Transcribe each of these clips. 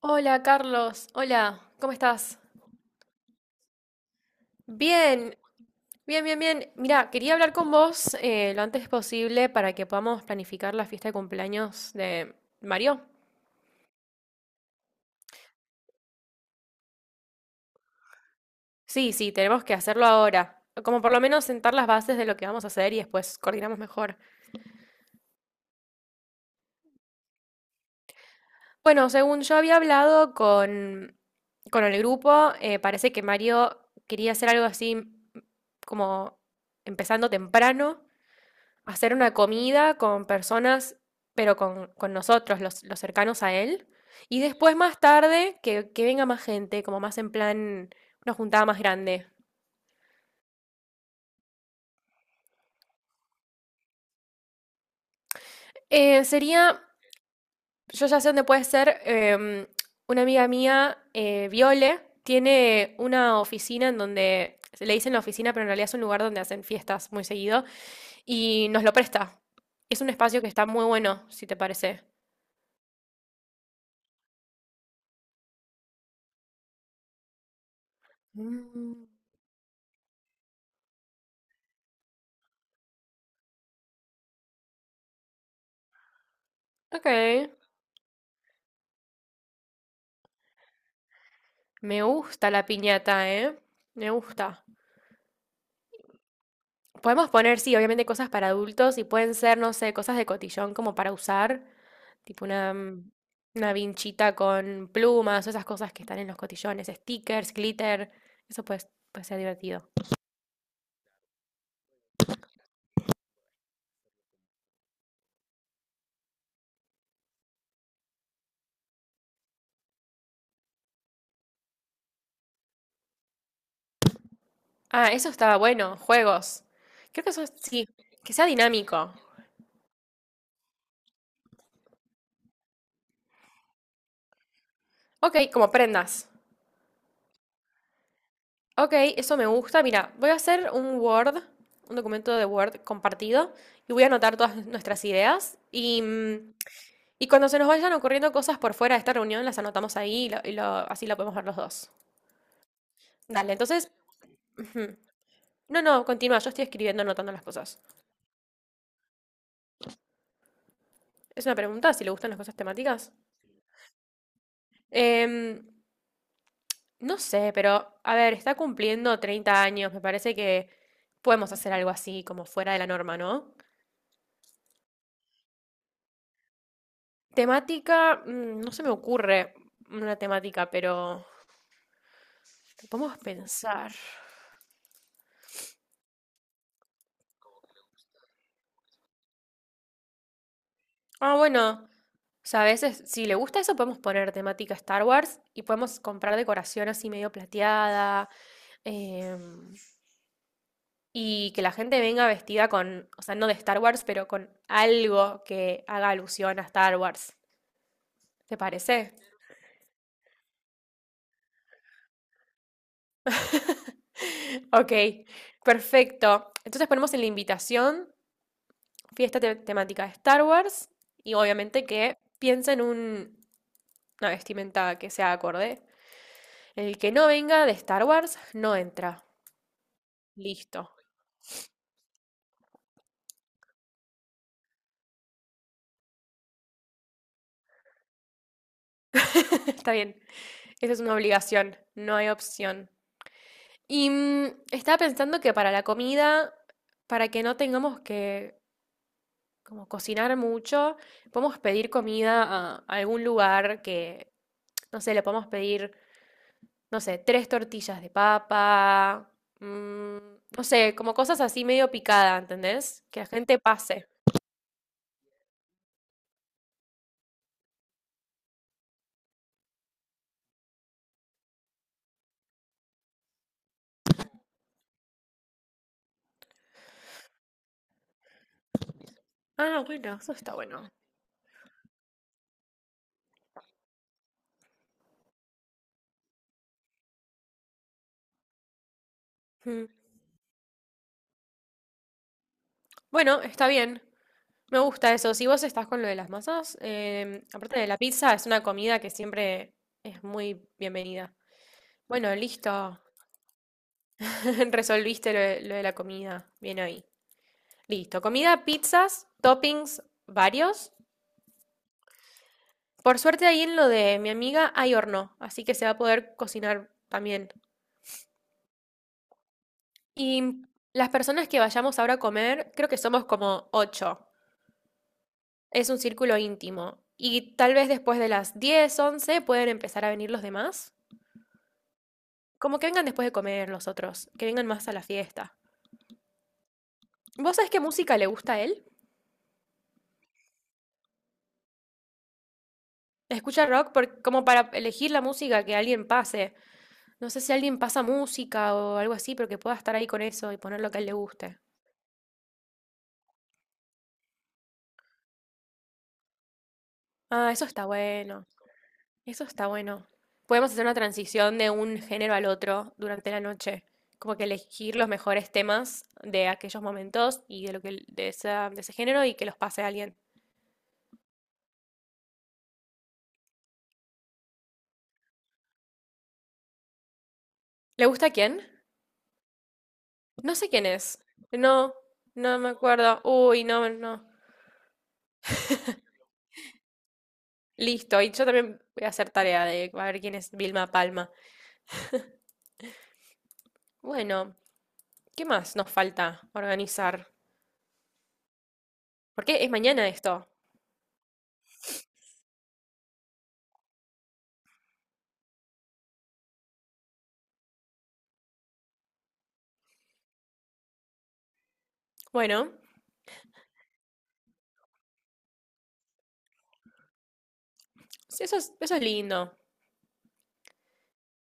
Hola Carlos, hola, ¿cómo estás? Bien, bien, bien, bien. Mira, quería hablar con vos lo antes posible para que podamos planificar la fiesta de cumpleaños de Mario. Sí, sí, tenemos que hacerlo ahora, como por lo menos sentar las bases de lo que vamos a hacer y después coordinamos mejor. Bueno, según yo había hablado con el grupo, parece que Mario quería hacer algo así como empezando temprano. Hacer una comida con personas, pero con nosotros, los cercanos a él. Y después más tarde, que venga más gente, como más en plan, una juntada más grande. Sería, yo ya sé dónde puede ser, una amiga mía, Viole, tiene una oficina en donde, le dicen la oficina, pero en realidad es un lugar donde hacen fiestas muy seguido, y nos lo presta. Es un espacio que está muy bueno, si te parece. Mm, ok. Me gusta la piñata, ¿eh? Me gusta. Podemos poner, sí, obviamente cosas para adultos y pueden ser, no sé, cosas de cotillón como para usar, tipo una vinchita con plumas, o esas cosas que están en los cotillones, stickers, glitter, eso puede ser divertido. Ah, eso estaba bueno, juegos. Creo que sí, que sea dinámico. Ok, como prendas. Ok, eso me gusta. Mira, voy a hacer un Word, un documento de Word compartido y voy a anotar todas nuestras ideas. Y cuando se nos vayan ocurriendo cosas por fuera de esta reunión, las anotamos ahí así lo podemos ver los dos. Dale, entonces. Ujú. No, no, continúa, yo estoy escribiendo, anotando las cosas. Es una pregunta, si le gustan las cosas temáticas. Em, no sé, pero a ver, está cumpliendo 30 años, me parece que podemos hacer algo así, como fuera de la norma, ¿no? Temática, no se me ocurre una temática, pero podemos pensar. Ah, bueno. O sea, a veces, si le gusta eso, podemos poner temática Star Wars y podemos comprar decoración así medio plateada. em, y que la gente venga vestida con, o sea, no de Star Wars, pero con algo que haga alusión a Star Wars. ¿Te parece? Ok, perfecto. Entonces ponemos en la invitación fiesta temática de Star Wars y obviamente que piensen una vestimenta que sea acorde. El que no venga de Star Wars no entra. Listo. Está bien. Esa es una obligación, no hay opción. Y estaba pensando que para la comida, para que no tengamos que como cocinar mucho, podemos pedir comida a algún lugar que, no sé, le podemos pedir, no sé, tres tortillas de papa, mm, no sé, como cosas así medio picada, ¿entendés? Que la gente pase. Ah, bueno, eso está bueno. Mm. Bueno, está bien. Me gusta eso. Si vos estás con lo de las masas, aparte de la pizza, es una comida que siempre es muy bienvenida. Bueno, listo. Resolviste lo de la comida. Bien ahí. Listo. Comida, pizzas, toppings, varios. Por suerte ahí en lo de mi amiga hay horno, así que se va a poder cocinar también. Y las personas que vayamos ahora a comer, creo que somos como ocho. Es un círculo íntimo. Y tal vez después de las 10, 11 pueden empezar a venir los demás. Como que vengan después de comer los otros, que vengan más a la fiesta. ¿Vos sabés qué música le gusta a él? Escucha rock como para elegir la música que alguien pase. No sé si alguien pasa música o algo así, pero que pueda estar ahí con eso y poner lo que a él le guste. Ah, eso está bueno. Eso está bueno. Podemos hacer una transición de un género al otro durante la noche. Como que elegir los mejores temas de aquellos momentos y de lo que de ese género y que los pase a alguien. ¿Le gusta a quién? No sé quién es. No, no me acuerdo. Uy, no, no. Listo, y yo también voy a hacer tarea de a ver quién es Vilma Palma. Bueno, ¿qué más nos falta organizar? Porque es mañana esto. Bueno, sí, eso es lindo.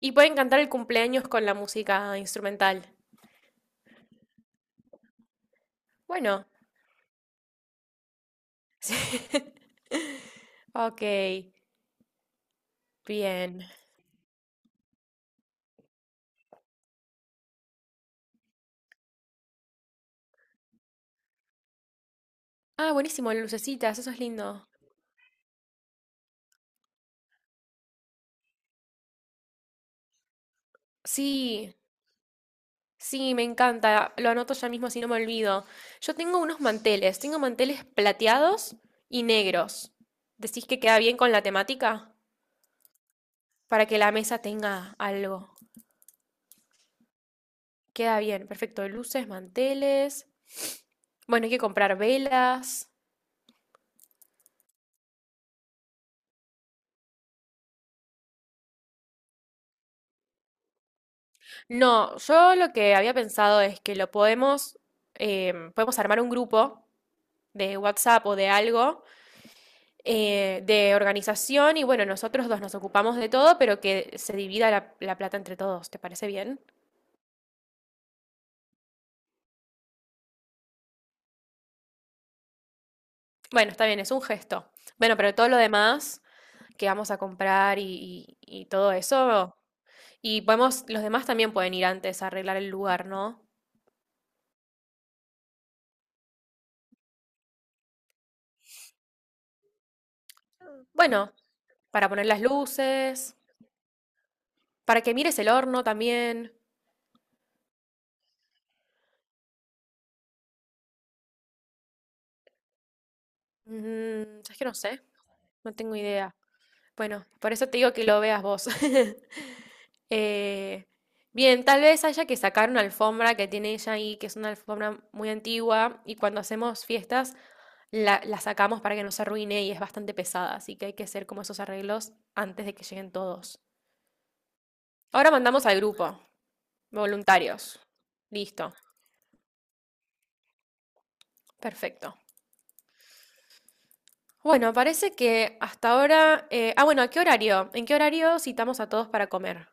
Y pueden cantar el cumpleaños con la música instrumental. Bueno, sí. Ok, bien. Ah, buenísimo, lucecitas, eso es lindo. Sí, sí, me encanta. Lo anoto ya mismo si no me olvido. Yo tengo unos manteles. Tengo manteles plateados y negros. ¿Decís que queda bien con la temática? Para que la mesa tenga algo. Queda bien. Perfecto. Luces, manteles. Bueno, hay que comprar velas. No, yo lo que había pensado es que lo podemos armar un grupo de WhatsApp o de algo de organización y bueno, nosotros dos nos ocupamos de todo, pero que se divida la plata entre todos, ¿te parece bien? Bueno, está bien, es un gesto. Bueno, pero todo lo demás que vamos a comprar y todo eso, y podemos, los demás también pueden ir antes a arreglar el lugar, ¿no? Bueno, para poner las luces, para que mires el horno también. Es que no sé, no tengo idea. Bueno, por eso te digo que lo veas vos. Eh, Bien, tal vez haya que sacar una alfombra que tiene ella ahí, que es una alfombra muy antigua, y cuando hacemos fiestas la sacamos para que no se arruine y es bastante pesada, así que hay que hacer como esos arreglos antes de que lleguen todos. Ahora mandamos al grupo, voluntarios. Listo, perfecto. Bueno, parece que hasta ahora. Ah, bueno, ¿a qué horario? ¿En qué horario citamos a todos para comer?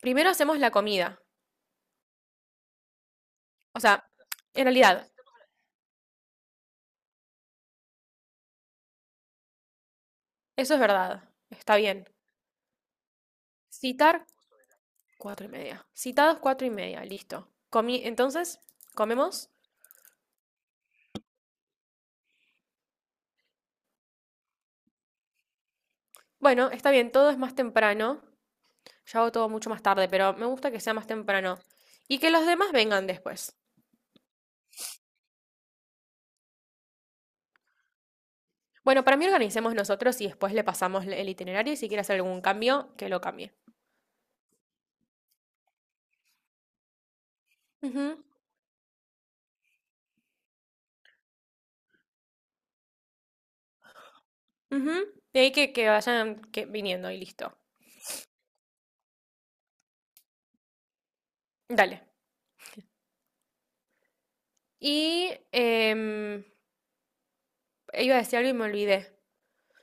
Primero hacemos la comida. O sea, en realidad, eso es verdad. Está bien. Citar 4:30. Citados 4:30, listo. Comí, entonces, ¿comemos? Bueno, está bien, todo es más temprano. Yo hago todo mucho más tarde, pero me gusta que sea más temprano. Y que los demás vengan después. Bueno, para mí organicemos nosotros y después le pasamos el itinerario y si quiere hacer algún cambio, que lo cambie. Ujú, ujú. De ahí que vayan que, viniendo y listo. Dale. Y iba a decir algo y me olvidé.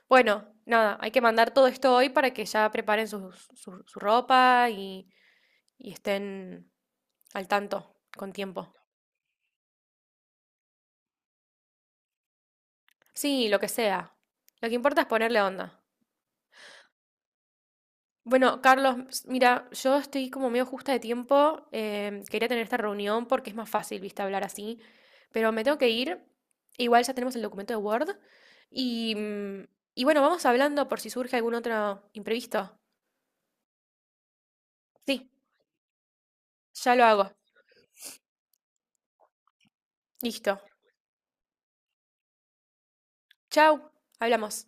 Bueno, nada, hay que mandar todo esto hoy para que ya preparen su ropa y estén al tanto con tiempo. Sí, lo que sea. Lo que importa es ponerle onda. Bueno, Carlos, mira, yo estoy como medio justa de tiempo. Quería tener esta reunión porque es más fácil, viste, hablar así. Pero me tengo que ir. Igual ya tenemos el documento de Word. Y, mm, y bueno, vamos hablando por si surge algún otro imprevisto. Sí, ya lo hago. Listo. Chau, hablamos.